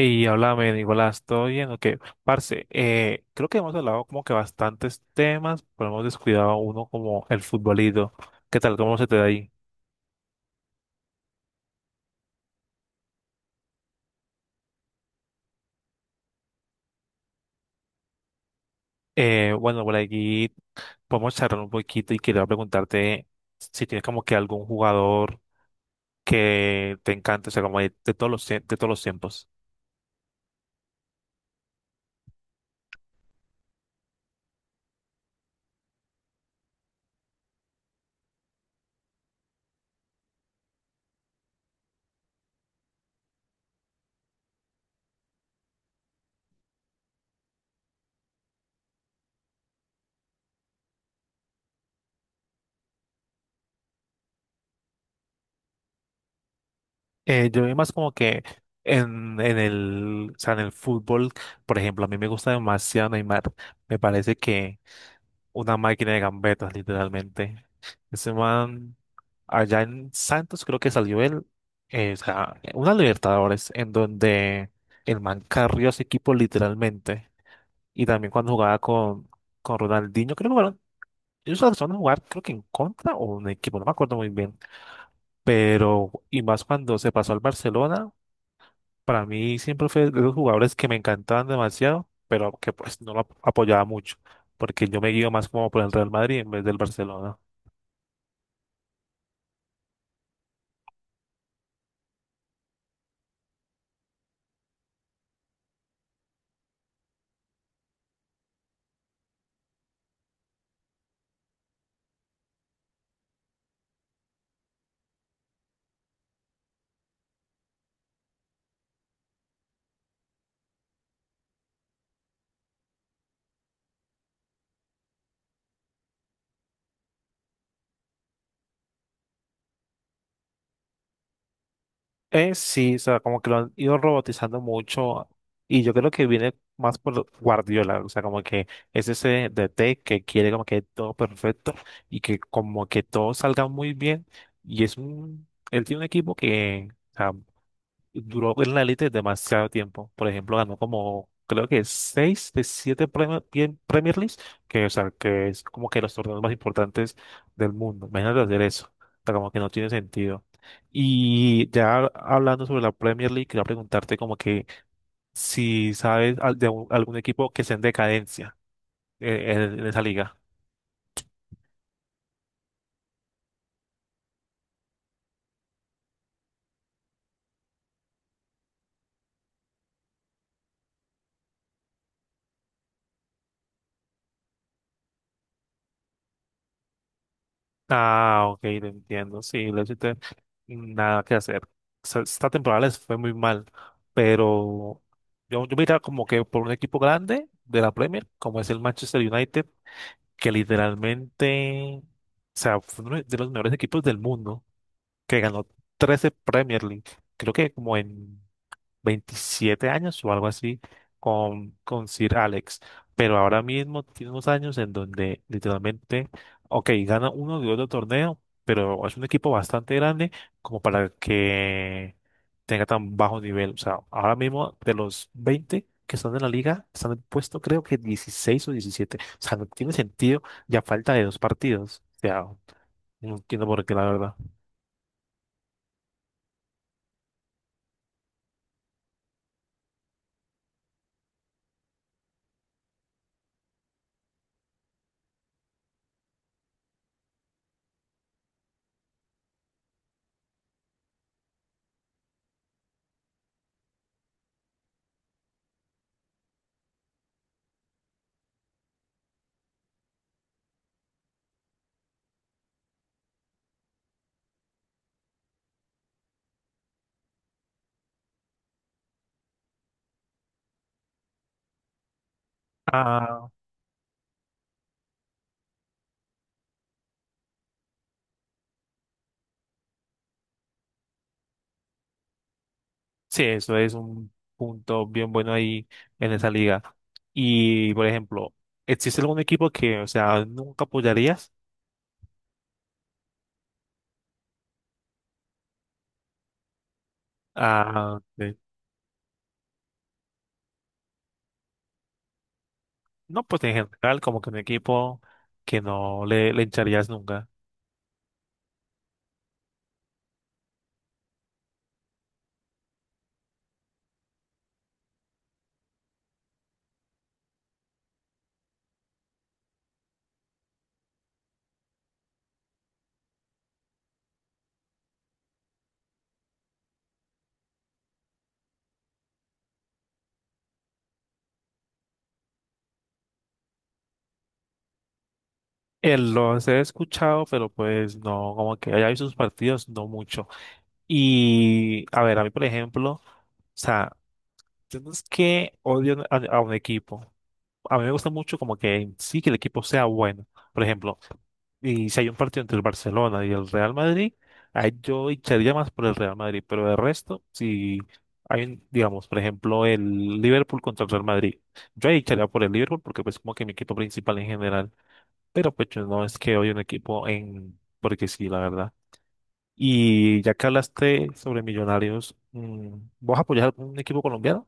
Y háblame, Nicolás, ¿todo bien? Ok, parce, creo que hemos hablado como que bastantes temas, pero hemos descuidado uno como el futbolito. ¿Qué tal? ¿Cómo se te da ahí? Bueno, por aquí podemos charlar un poquito y quería preguntarte si tienes como que algún jugador que te encante, o sea, como de todos los, de todos los tiempos. Yo vi más como que o sea, en el fútbol, por ejemplo, a mí me gusta demasiado Neymar. Me parece que una máquina de gambetas, literalmente. Ese man, allá en Santos, creo que salió él, o sea, una Libertadores, en donde el man carrió a ese equipo literalmente. Y también cuando jugaba con Ronaldinho, creo que jugaron, ellos alcanzaron a jugar, creo que en contra o un equipo, no me acuerdo muy bien. Pero, y más cuando se pasó al Barcelona, para mí siempre fue de los jugadores que me encantaban demasiado, pero que pues no lo apoyaba mucho, porque yo me guío más como por el Real Madrid en vez del Barcelona. Sí, o sea, como que lo han ido robotizando mucho y yo creo que viene más por Guardiola, o sea, como que es ese DT que quiere como que todo perfecto y que como que todo salga muy bien y es un, él tiene un equipo que duró en la élite demasiado tiempo. Por ejemplo, ganó como, creo que seis de siete Premier, Premier Leagues, que, o sea, que es como que los torneos más importantes del mundo. Imagínate hacer eso. O sea, como que no tiene sentido. Y ya hablando sobre la Premier League, quería preguntarte como que si sabes algún equipo que esté en decadencia en esa liga. Ah, ok, te entiendo. Sí, le hiciste nada que hacer. Esta temporada les fue muy mal, pero yo mira como que por un equipo grande de la Premier, como es el Manchester United, que literalmente, o sea, fue uno de los mejores equipos del mundo, que ganó 13 Premier League, creo que como en 27 años o algo así con Sir Alex, pero ahora mismo tiene unos años en donde literalmente, ok, gana uno de otro torneo, pero es un equipo bastante grande como para que tenga tan bajo nivel. O sea, ahora mismo de los 20 que están en la liga, están en el puesto creo que 16 o 17. O sea, no tiene sentido ya falta de dos partidos. O sea, no entiendo por qué, la verdad. Ah, sí, eso es un punto bien bueno ahí en esa liga. Y, por ejemplo, ¿existe algún equipo que, o sea, nunca apoyarías? Ah, no, pues en general, como que un equipo que no le hincharías nunca. Los he escuchado, pero pues no, como que haya visto sus partidos, no mucho. Y, a ver, a mí, por ejemplo, o sea, yo no es que odio a un equipo. A mí me gusta mucho como que sí que el equipo sea bueno. Por ejemplo, y si hay un partido entre el Barcelona y el Real Madrid, ahí yo echaría más por el Real Madrid, pero de resto, si hay, digamos, por ejemplo, el Liverpool contra el Real Madrid, yo ahí echaría por el Liverpool porque pues como que mi equipo principal en general, pero pues yo no es que hoy un equipo en, porque sí, la verdad. Y ya que hablaste sobre Millonarios, mm, ¿vos apoyás a un equipo colombiano?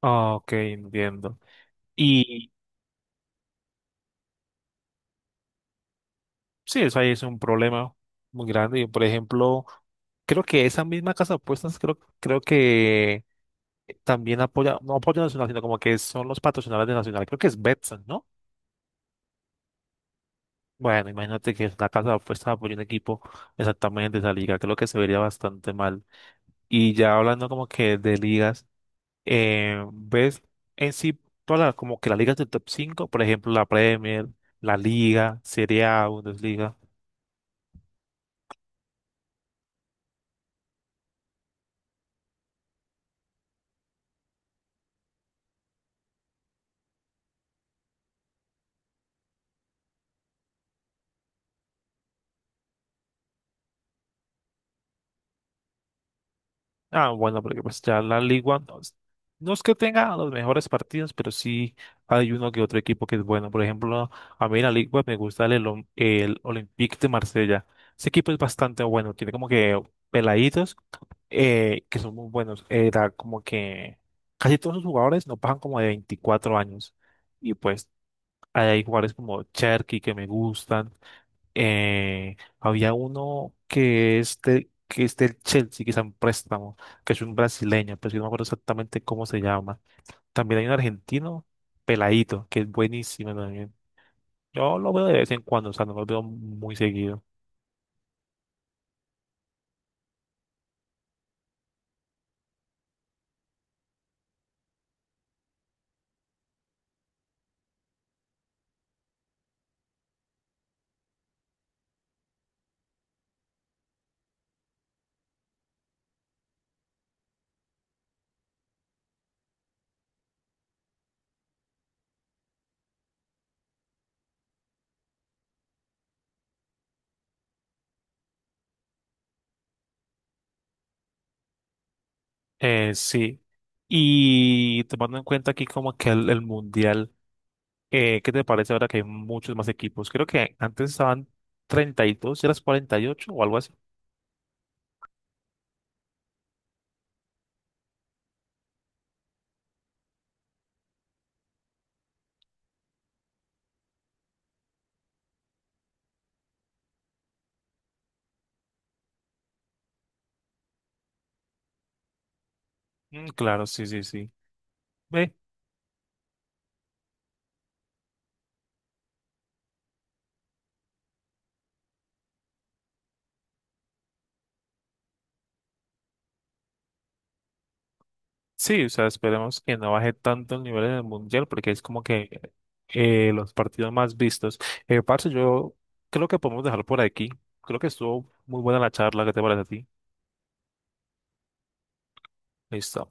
Ah, ok, entiendo. Sí, eso ahí es un problema muy grande. Yo, por ejemplo, creo que esa misma casa de apuestas creo que también apoya, no apoya a Nacional, sino como que son los patrocinadores de Nacional. Creo que es Betson, ¿no? Bueno, imagínate que la casa de apuestas apoya un equipo exactamente de esa liga. Creo que se vería bastante mal. Y ya hablando como que de ligas, ves en sí todas las, como que las ligas del top cinco, por ejemplo, la Premier, la Liga, Serie A, Bundesliga. Ah, bueno, porque pues ya la Liga no, es no es que tenga los mejores partidos, pero sí hay uno que otro equipo que es bueno. Por ejemplo, a mí en la Liga me gusta el, el Olympique de Marsella. Ese equipo es bastante bueno, tiene como que peladitos que son muy buenos. Era como que casi todos los jugadores no pasan como de 24 años. Y pues hay jugadores como Cherky que me gustan, había uno que es del Chelsea, que está en préstamo, que es un brasileño, pero yo no me acuerdo exactamente cómo se llama. También hay un argentino, Peladito, que es buenísimo también. Yo lo veo de vez en cuando, o sea, no lo veo muy seguido. Sí. Y tomando en cuenta aquí como que el mundial, ¿qué te parece ahora que hay muchos más equipos? Creo que antes estaban 32 y eras 48 o algo así. Mm, claro, sí, sí, sí. Ve sí, o sea, esperemos que no baje tanto el nivel en el mundial porque es como que los partidos más vistos. Parce, yo creo que podemos dejar por aquí. Creo que estuvo muy buena la charla. ¿Qué te parece a ti? Listo.